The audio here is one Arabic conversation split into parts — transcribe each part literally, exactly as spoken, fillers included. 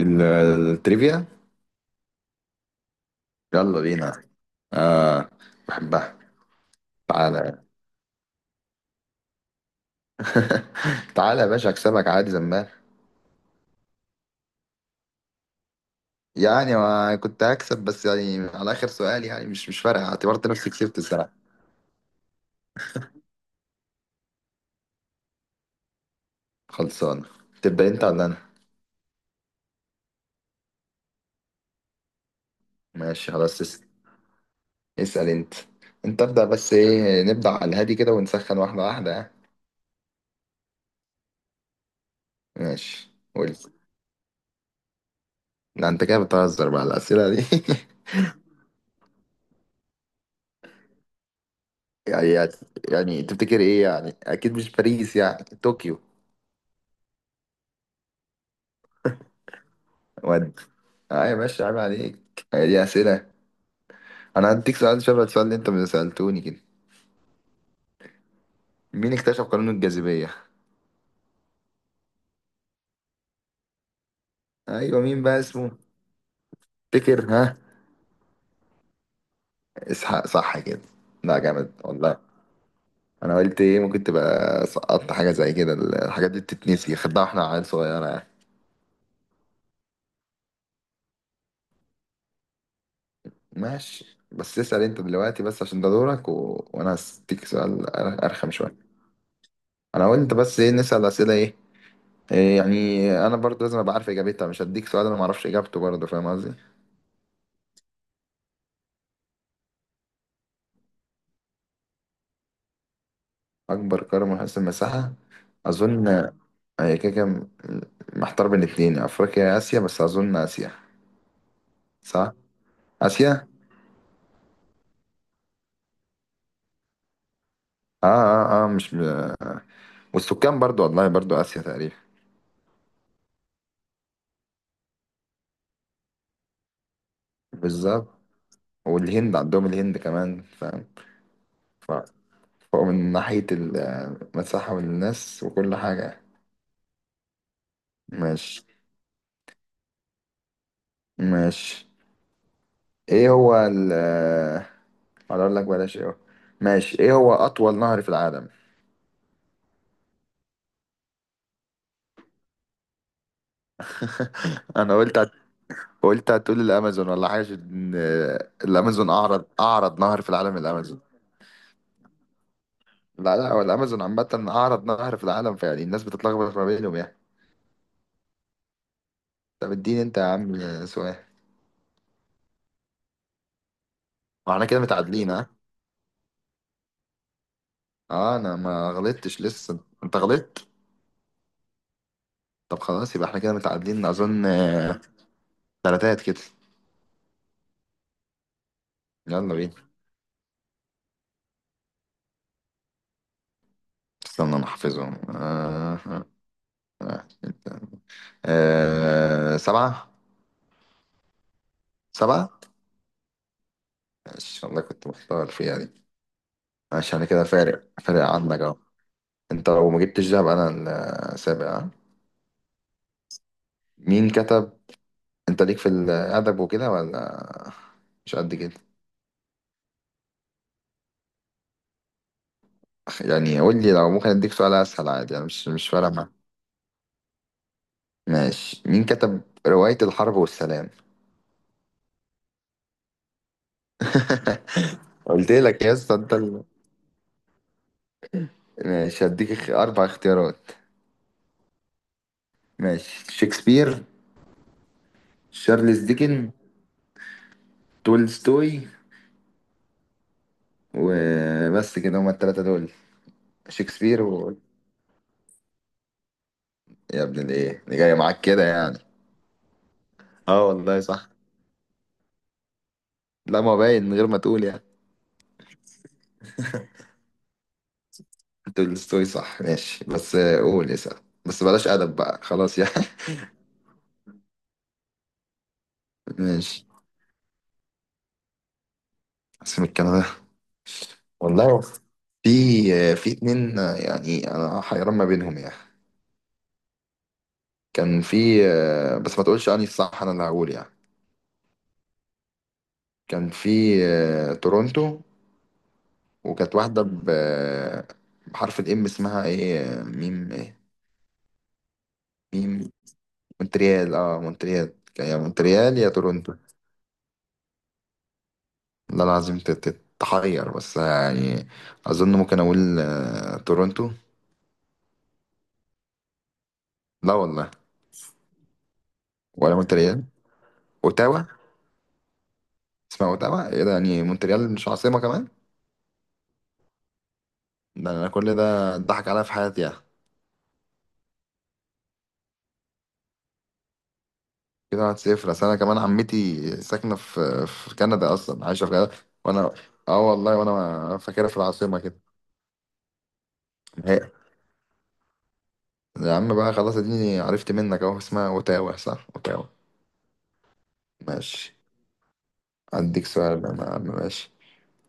ال- التريفيا. يلا بينا. آه، بحبها. تعالى. تعالى يا باشا اكسبك عادي زمان. يعني ما كنت هكسب، بس يعني على اخر سؤال، يعني مش مش فارقه، اعتبرت نفسي كسبت السنه. خلصان. تبدا انت ولا انا؟ ماشي خلاص. اس- اسال انت. انت ابدا، بس ايه نبدا على الهادي كده ونسخن واحده واحده، ها؟ ماشي قول. لا انت كده بتهزر، بقى الاسئله دي؟ يعني يعني تفتكر ايه؟ يعني اكيد مش باريس، يعني طوكيو. ودي؟ اه يا باشا، عيب عليك، هي دي اسئله؟ انا هديك سؤال شبه السؤال اللي انت ما سالتوني كده. مين اكتشف قانون الجاذبيه؟ ايوه مين بقى اسمه؟ تفتكر، ها؟ اسحاق صح كده؟ لا جامد والله. انا قلت ايه، ممكن تبقى سقطت حاجه زي كده، الحاجات دي بتتنسي خدها واحنا عيال صغيره يعني. ماشي، بس اسال انت دلوقتي بس عشان ده دورك، و... وانا هديك سؤال أر- ارخم شويه. انا قلت بس ايه، نسال اسئله ايه؟ إيه، يعني انا برضه لازم ابقى عارف اجابتها، مش هديك سؤال انا ما اعرفش اجابته برضه، فاهم قصدي؟ أكبر قارة من حيث المساحة. أظن هي كده كده، محتار بين اتنين، أفريقيا يا آسيا، بس أظن آسيا. صح؟ آسيا؟ آه آه آه، مش م... والسكان برضو، والله برضو آسيا تقريبا. بالظبط. والهند، عندهم الهند كمان، فاهم؟ ف- فهو من ناحية المساحة والناس وكل حاجة. ماشي. ماشي ايه هو ال اقول لك بلاش ايه هو؟ ماشي، ايه هو أطول نهر في العالم؟ أنا قلت، قلت هتقول الامازون ولا حاجه، إن الامازون اعرض اعرض نهر في العالم، الامازون. لا لا، هو الامازون عامه اعرض نهر في العالم، فيعني الناس بتتلخبط ما بينهم يعني. طب اديني انت يا عم سؤال. واحنا كده متعادلين، ها. اه انا ما غلطتش لسه، انت غلطت. طب خلاص، يبقى احنا كده متعادلين اظن، آه، تلاتات كده. يلا بينا. استنى انا احفظهم. آه. آه. آه. آه، سبعة. سبعة. ماشي والله، كنت محتار فيها دي. ماشي، انا كده فارق، فارق عنك اهو. انت لو ما جبتش دهب، انا السابع، ها؟ مين كتب؟ انت ليك في الادب وكده ولا مش قد كده؟ يعني قول لي، لو ممكن اديك سؤال اسهل عادي، انا مش مش فارقه معايا. ماشي، مين كتب رواية الحرب والسلام؟ قلت لك يا اسطى، انت ال- ماشي، هديك اخ- اربع اختيارات. ماشي، شكسبير، شارلز ديكن، تولستوي، وبس كده، هما التلاتة دول. شكسبير و... يا ابن الايه اللي جاية معاك كده يعني. اه والله صح، لا ما باين من غير ما تقول يعني. تولستوي صح، ماشي، بس آه، قول اسأل، بس بلاش أدب بقى خلاص يعني. ماشي. عاصمة كندا. والله، في، آه، في اتنين، آه، يعني أنا حيران ما بينهم يعني. كان في، آه، بس ما تقولش أنهي الصح، أنا اللي هقول يعني. كان في، آه، تورونتو، وكانت واحدة، ب- آه، بحرف الإم اسمها إيه، آه، ميم إيه. ميم، مونتريال. أه مونتريال. يا مونتريال يا تورونتو. ده العظيم ت- ت- تحير بس يعني. اظن ممكن اقول، آه، تورونتو. لا والله؟ ولا مونتريال؟ اوتاوا. اسمها اوتاوا؟ ايه ده يعني، مونتريال مش عاصمة كمان؟ ده انا كل ده اتضحك عليا في حياتي يعني. كده واحد صفر. اصل انا كمان عمتي ساكنة في، في كندا اصلا، عايشة في كندا، وانا، اه والله، وانا فاكرها في العاصمة كده. هي؟ يا عم بقى خلاص، اديني عرفت منك اهو، اسمها اوتاوا، صح؟ اوتاوا. ماشي، اديك سؤال بقى يا عم، ماشي.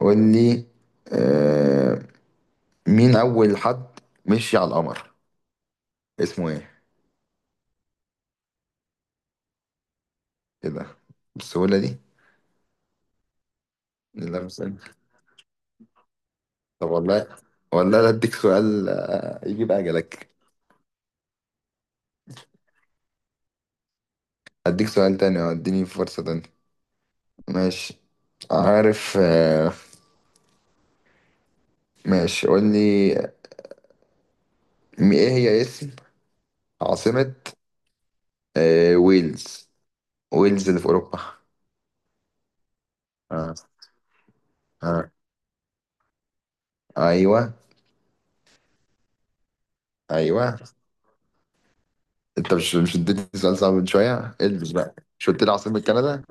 قول لي، آه، مين أول حد مشي على القمر؟ اسمه إيه؟ إيه ده؟ بالسهولة دي؟ لا بسأل. طب والله، والله لا أديك سؤال، آه، يجيب أجلك. أديك سؤال تاني، أه، أديني فرصة تانية. ماشي. عارف، آه، ماشي قول لي، م- إيه هي اسم عاصمة، آه، ويلز؟ ويلز اللي في أوروبا. آه. آه. أيوه. أيوه. أنت مش مش اديتني سؤال صعب من شوية؟ البس بقى، مش قلت لي عاصمة كندا؟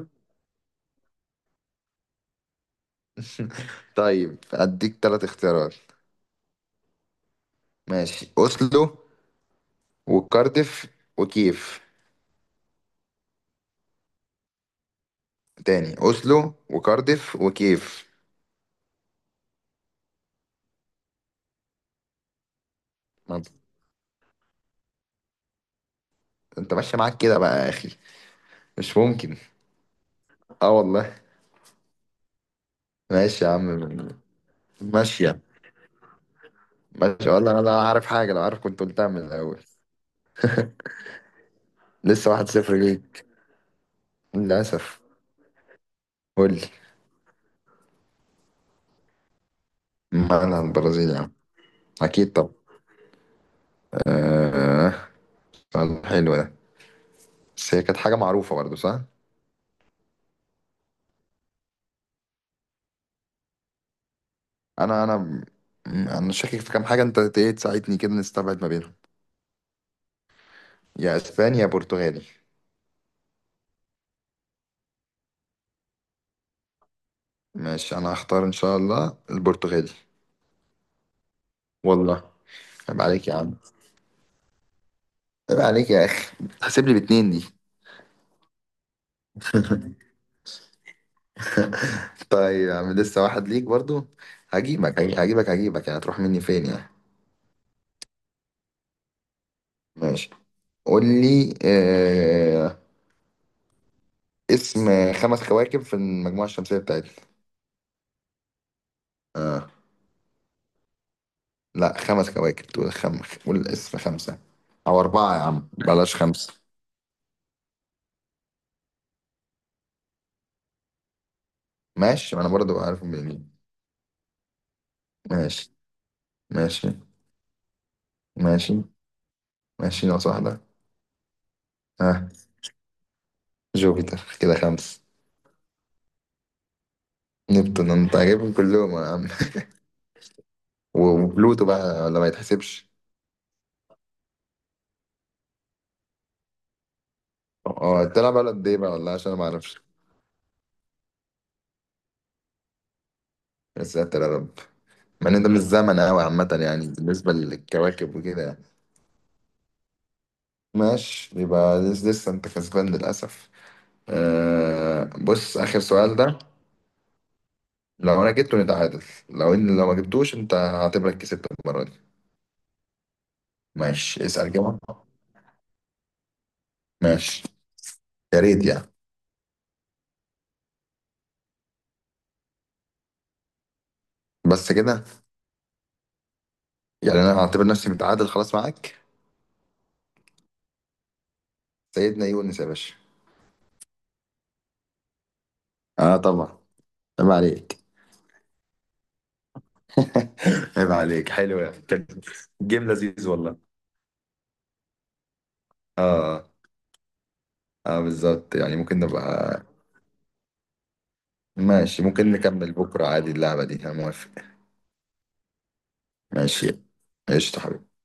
طيب أديك تلات اختيارات. ماشي، اوسلو وكارديف وكيف. تاني، اوسلو وكارديف وكيف. ما انت، انت ماشيه معاك كده بقى يا اخي، مش ممكن. اه والله. ماشي يا عم. ماشيه. ماشي والله انا لا عارف حاجه، لو عارف كنت قلتها من الاول. لسه واحد صفر ليك، للاسف. قول لي. مالها البرازيل يا عم؟ اكيد. طب، آه، سؤال حلو ده، بس هي كانت حاجه معروفه برضه صح. انا انا انا شاكك في كام حاجه، انت ايه تساعدني كده نستبعد ما بينهم. يا اسبانيا يا برتغالي. ماشي انا هختار ان شاء الله البرتغالي. والله؟ عيب عليك يا عم. عيب عليك يا اخي، هسيب لي باتنين دي؟ طيب يا عم، لسه واحد ليك برضو. هجيبك هجي- هجيبك هجيبك، يعني هتروح مني فين يعني. ماشي، قول لي، آه، اسم خمس كواكب في المجموعة الشمسية بتاعتنا. لا خمس كواكب، تقول خم، قول اسم خمسة، أو أربعة يا عم، بلاش خمسة. ماشي، ما أنا برضو عارف منين. ماشي. ماشي. ماشي ماشي ناقص واحدة. ها، جوبيتر كده خمس. نبتون؟ انت عاجبهم كلهم يا عم. وبلوتو بقى ولا ما يتحسبش؟ اه تلعب على قد ايه بقى، والله عشان انا ما اعرفش. يا ساتر يا رب. مع ان ده مش زمن قوي عامة يعني بالنسبة للكواكب وكده يعني. ماشي، يبقى لس- لسه انت كسبان للأسف. آه بص، آخر سؤال ده، لو انا جبته نتعادل، لو ان لو ما جبتوش انت هعتبرك كسبت المرة دي. ماشي اسأل كده. ماشي يا ريت يعني. بس كده؟ يعني انا هعتبر نفسي متعادل خلاص معاك. سيدنا يونس يا باشا. اه طبعا، عيب عليك. عيب عليك، حلو يعني، كانت جيم لذيذ والله. اه. اه بالظبط، يعني ممكن نبقى. ماشي ممكن نكمل بكرة عادي، اللعبة دي انا موافق. ماشي، قشطة حبيبي.